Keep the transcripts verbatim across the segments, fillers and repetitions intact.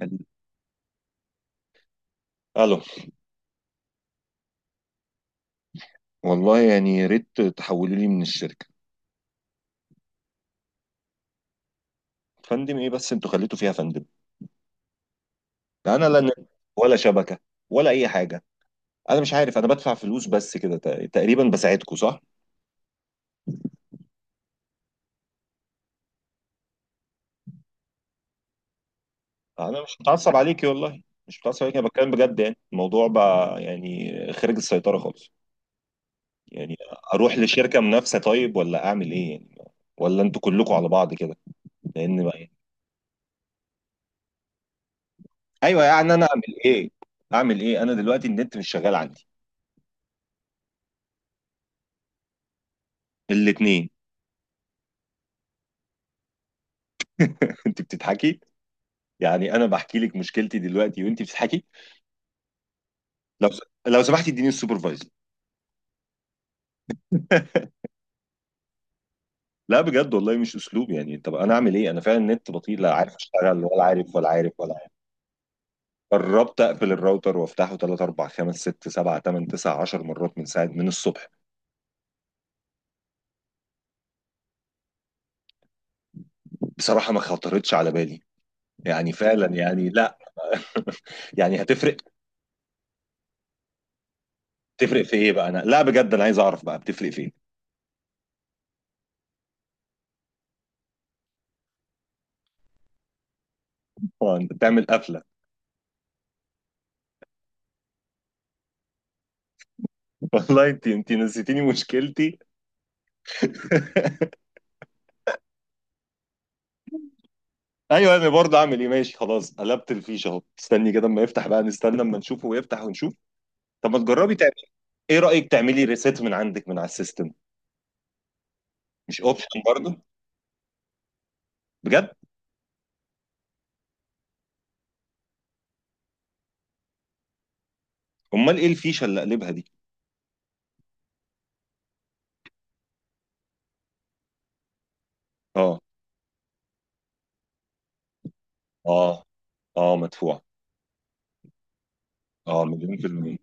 قال- الو، والله يعني يا ريت تحولوا لي من الشركه. فندم ايه؟ بس انتوا خليتوا فيها فندم. ده انا لا نت، ولا شبكه، ولا اي حاجه. انا مش عارف، انا بدفع فلوس بس كده تق- تقريبا بساعدكم، صح؟ انا مش متعصب عليكي والله، مش متعصب عليكي، انا بتكلم بجد، يعني الموضوع بقى يعني خارج السيطره خالص، يعني اروح لشركه منافسه طيب؟ ولا اعمل ايه يعني؟ ولا انتوا كلكم على بعض كده؟ لان بقى يعني. ايوه، يعني انا اعمل ايه؟ اعمل ايه انا دلوقتي؟ النت مش شغال عندي. الاثنين. انت بتضحكي؟ يعني انا بحكي لك مشكلتي دلوقتي وانت بتضحكي. لو لو سمحتي، اديني السوبرفايزر. لا بجد والله، مش اسلوب، يعني طب انا اعمل ايه؟ انا فعلا النت بطيء، لا عارف اشتغل، ولا عارف، ولا عارف، ولا عارف. قربت اقفل الراوتر وافتحه تلاتة أربعة خمسة ستة سبعة تمانية تسعة عشرة مرات، من ساعه من الصبح. بصراحه ما خطرتش على بالي. يعني فعلا، يعني لا. يعني هتفرق؟ تفرق في ايه بقى؟ انا لا بجد، انا عايز اعرف بقى بتفرق فين. انت بتعمل قفله. والله انت انت نسيتيني مشكلتي. ايوه انا برضه اعمل ايه؟ ماشي خلاص، قلبت الفيشه اهو، استني كده اما يفتح بقى، نستنى اما نشوفه ويفتح ونشوف. طب ما تجربي تعملي، ايه رايك تعملي ريسيت من عندك من على السيستم؟ مش اوبشن برضه؟ بجد. امال ايه الفيشه اللي قلبها دي؟ اه. اه. اه، مدفوع. اه، مليون في المية.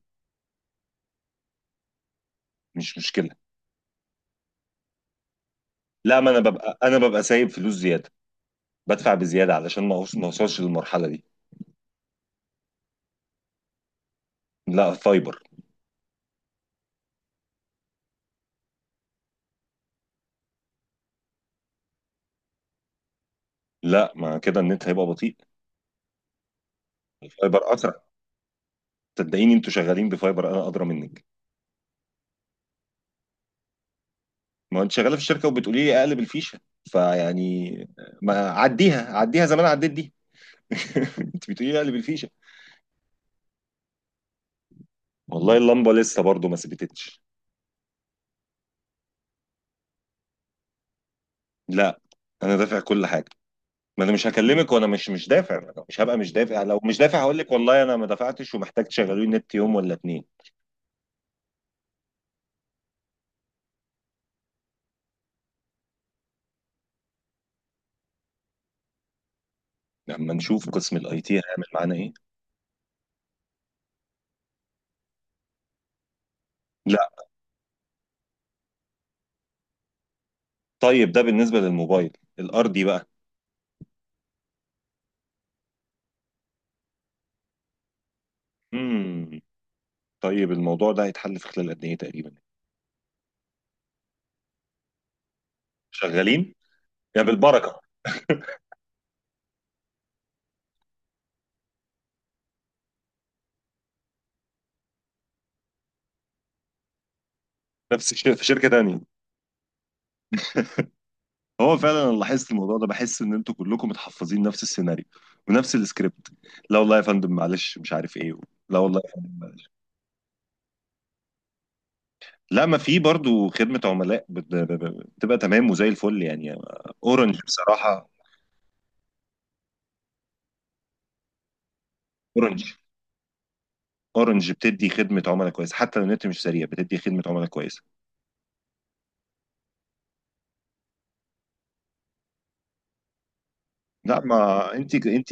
مش مشكلة. لا، ما انا ببقى انا ببقى سايب فلوس زيادة، بدفع بزيادة علشان ما أوص- ما اوصلش للمرحلة دي. لا، فايبر. لا، ما كده النت هيبقى بطيء. فايبر اسرع. صدقيني، انتوا شغالين بفايبر، انا ادرى منك. ما انت شغاله في الشركه وبتقولي لي اقلب الفيشه، فيعني ما عديها، عديها زمان، عديت دي. انت بتقولي لي اقلب الفيشه. والله اللمبه لسه برضو ما ثبتتش. لا، انا دافع كل حاجه، ما انا مش هكلمك وانا مش مش دافع. أنا مش هبقى مش دافع، لو مش دافع هقول لك والله انا ما دفعتش، ومحتاج تشغلوني النت يوم ولا اتنين. لما نشوف قسم الاي تي هيعمل معانا ايه. لا. طيب ده بالنسبه للموبايل، الارضي بقى. امم طيب الموضوع ده هيتحل في خلال قد ايه تقريبا؟ شغالين يا بالبركه. نفس الشيء في شركه تانيه. هو فعلا انا لاحظت الموضوع ده، بحس ان انتوا كلكم متحفظين نفس السيناريو ونفس السكريبت. لا والله يا فندم، معلش، مش عارف ايه. لا والله يا فندم، معلش. لا، ما في برضو خدمة عملاء بت- ب- ب- بتبقى تمام وزي الفل يعني. اورنج بصراحة. اورنج. اورنج بتدي خدمة عملاء كويسة، حتى لو النت مش سريع بتدي خدمة عملاء كويسة. لا ما انت انت.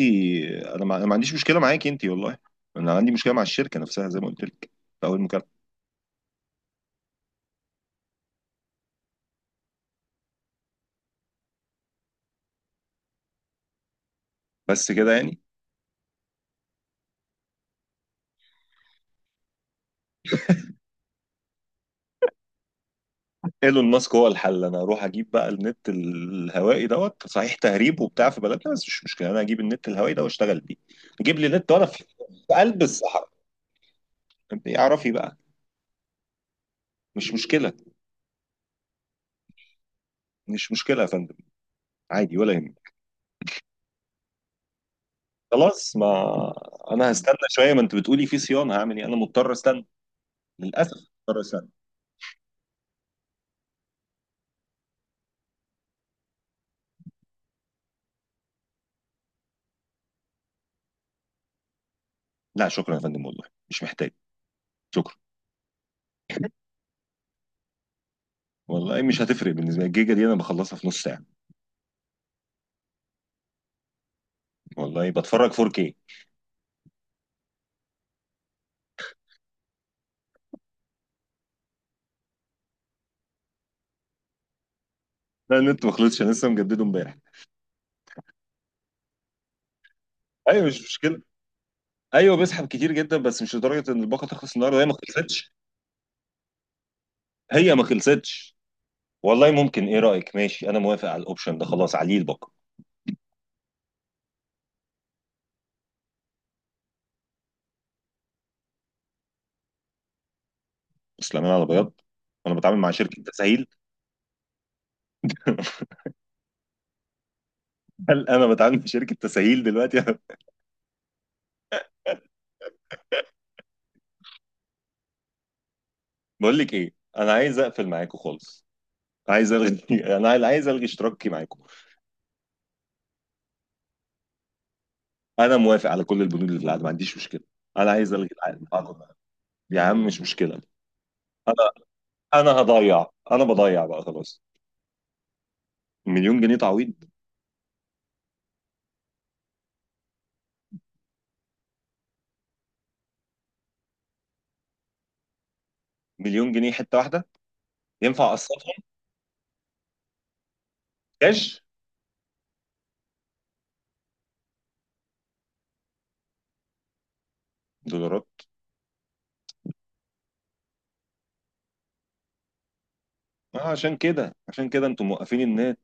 انا ما, أنا ما عنديش مشكلة معاكي انت والله. انا عندي مشكلة مع الشركة نفسها، زي ما قلت لك في اول مكالمة. بس كده يعني. ايلون ماسك هو الحل، انا اروح اجيب بقى النت الهوائي دوت، صحيح تهريب وبتاع في بلدنا بس مش مشكله، انا اجيب النت الهوائي ده واشتغل بيه. اجيب لي نت وانا في، في قلب الصحراء. انت اعرفي بقى. مش مشكله. مش مشكله يا فندم، عادي، ولا يهمك. خلاص، ما انا هستنى شويه، ما انت بتقولي في صيانه، هعمل ايه؟ انا مضطر استنى، للاسف مضطر استنى. لا شكرا يا فندم والله، مش محتاج، شكرا. والله مش هتفرق بالنسبه لي الجيجا دي، انا بخلصها في نص ساعه. والله بتفرج فور كيه. لا، النت ما خلصش، انا لسه مجدده امبارح. ايوه مش مشكله. ايوه بيسحب كتير جدا، بس مش لدرجه ان الباقه تخلص النهارده، هي ما خلصتش. هي ما خلصتش. والله ممكن، ايه رايك؟ ماشي، انا موافق على الاوبشن ده، خلاص عليه الباقه. بس لما انا على بياض، وانا بتعامل مع شركه تسهيل؟ هل انا بتعامل مع شركه تسهيل دلوقتي؟ بقول لك ايه، انا عايز اقفل معاكم خالص، عايز الغي. انا عايز عايز الغي اشتراكي معاكم. انا موافق على كل البنود اللي في العقد، ما عنديش مشكله. انا عايز الغي العقد معاكم. يا عم مش مشكله. انا، انا هضيع، انا بضيع بقى خلاص. مليون جنيه تعويض؟ مليون جنيه حته واحده، ينفع اقسط؟ كاش. دولارات. آه، عشان كده عشان كده انتم موقفين الناس،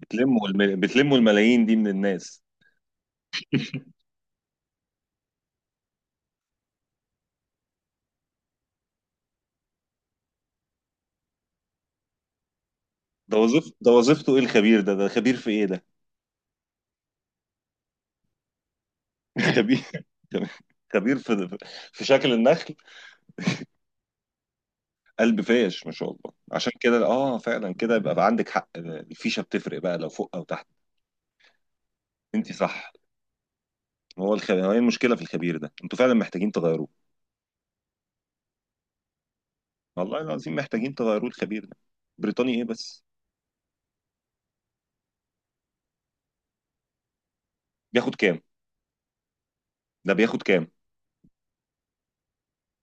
بتلموا الم... بتلموا الملايين دي من الناس. ده وظيفته ده وظيفته ايه الخبير ده ده خبير في ايه ده؟ خبير، خبير في في شكل النخل. قلب فاش ما شاء الله، عشان كده اه فعلا كده، يبقى بقى عندك حق، الفيشه بتفرق بقى لو فوق او تحت. انت صح. هو الخ... هو ايه المشكله في الخبير ده؟ انتوا فعلا محتاجين تغيروه. والله العظيم محتاجين تغيروه الخبير ده. بريطاني ايه بس؟ بياخد كام؟ ده بياخد كام؟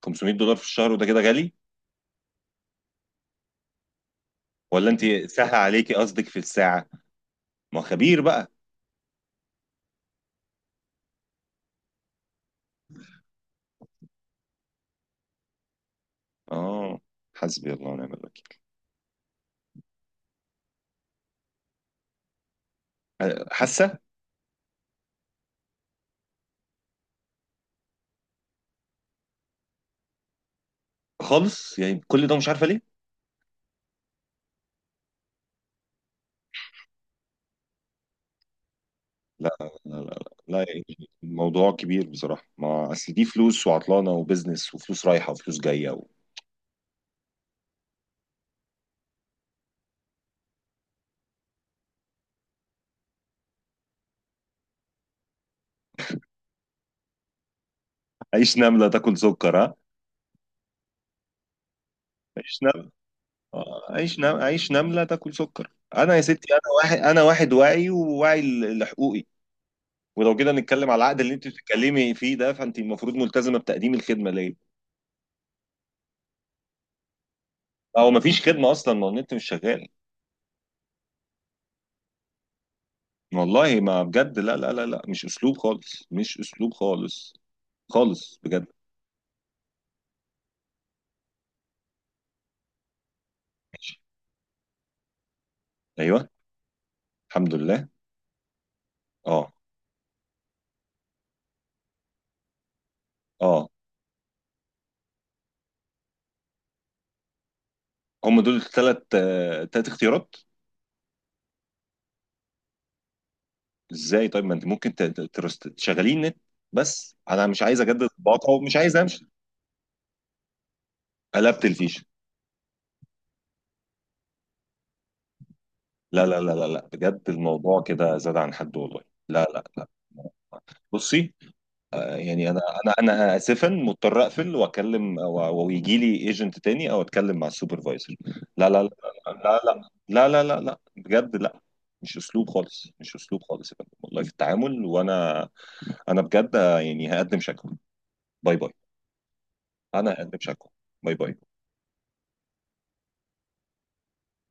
خمسمية دولار في الشهر وده كده غالي؟ ولا انت سهل عليكي؟ قصدك في الساعة؟ ما هو خبير بقى. اه. حسبي الله ونعم الوكيل. حاسة. خالص يعني، كل ده مش عارفة ليه. لا لا لا. لا, لا. الموضوع كبير بصراحة، ما اصل دي فلوس، وعطلانة، وبزنس، وفلوس رايحة، وفلوس جاية و... عيش نملة تاكل سكر، ها. عيش نملة. آه، عيش نم... عيش نملة تاكل سكر. انا يا ستي، انا واحد، انا واحد واعي، وواعي ل- لحقوقي. ولو كده نتكلم على العقد اللي انت بتتكلمي فيه ده، فانت المفروض ملتزمة بتقديم الخدمة ليا. هو مفيش خدمة أصلا، ما النت مش شغال. والله ما بجد، لا لا لا لا، مش أسلوب خالص، مش أسلوب خالص خالص بجد. ماشي. أيوه. الحمد لله. أه. أه. هم دول الثلاث، ثلاث اختيارات. إزاي طيب؟ ما أنت ممكن ت- ت- ترست- تشغلين نت، بس أنا مش عايز أجدد الباقة ومش عايز أمشي. قلبت الفيشة. لا لا لا لا لا بجد، الموضوع كده زاد عن حد والله. لا لا لا. بصي. آه، يعني انا، انا انا اسفا، مضطر اقفل واكلم، و- ويجي لي ايجنت تاني، او اتكلم مع السوبرفايزر. لا لا لا لا لا لا لا لا لا بجد لا. مش اسلوب خالص، مش اسلوب خالص يا فندم والله في التعامل. وانا انا بجد، آه، يعني هقدم شكوى. باي باي. انا هقدم شكوى. باي باي.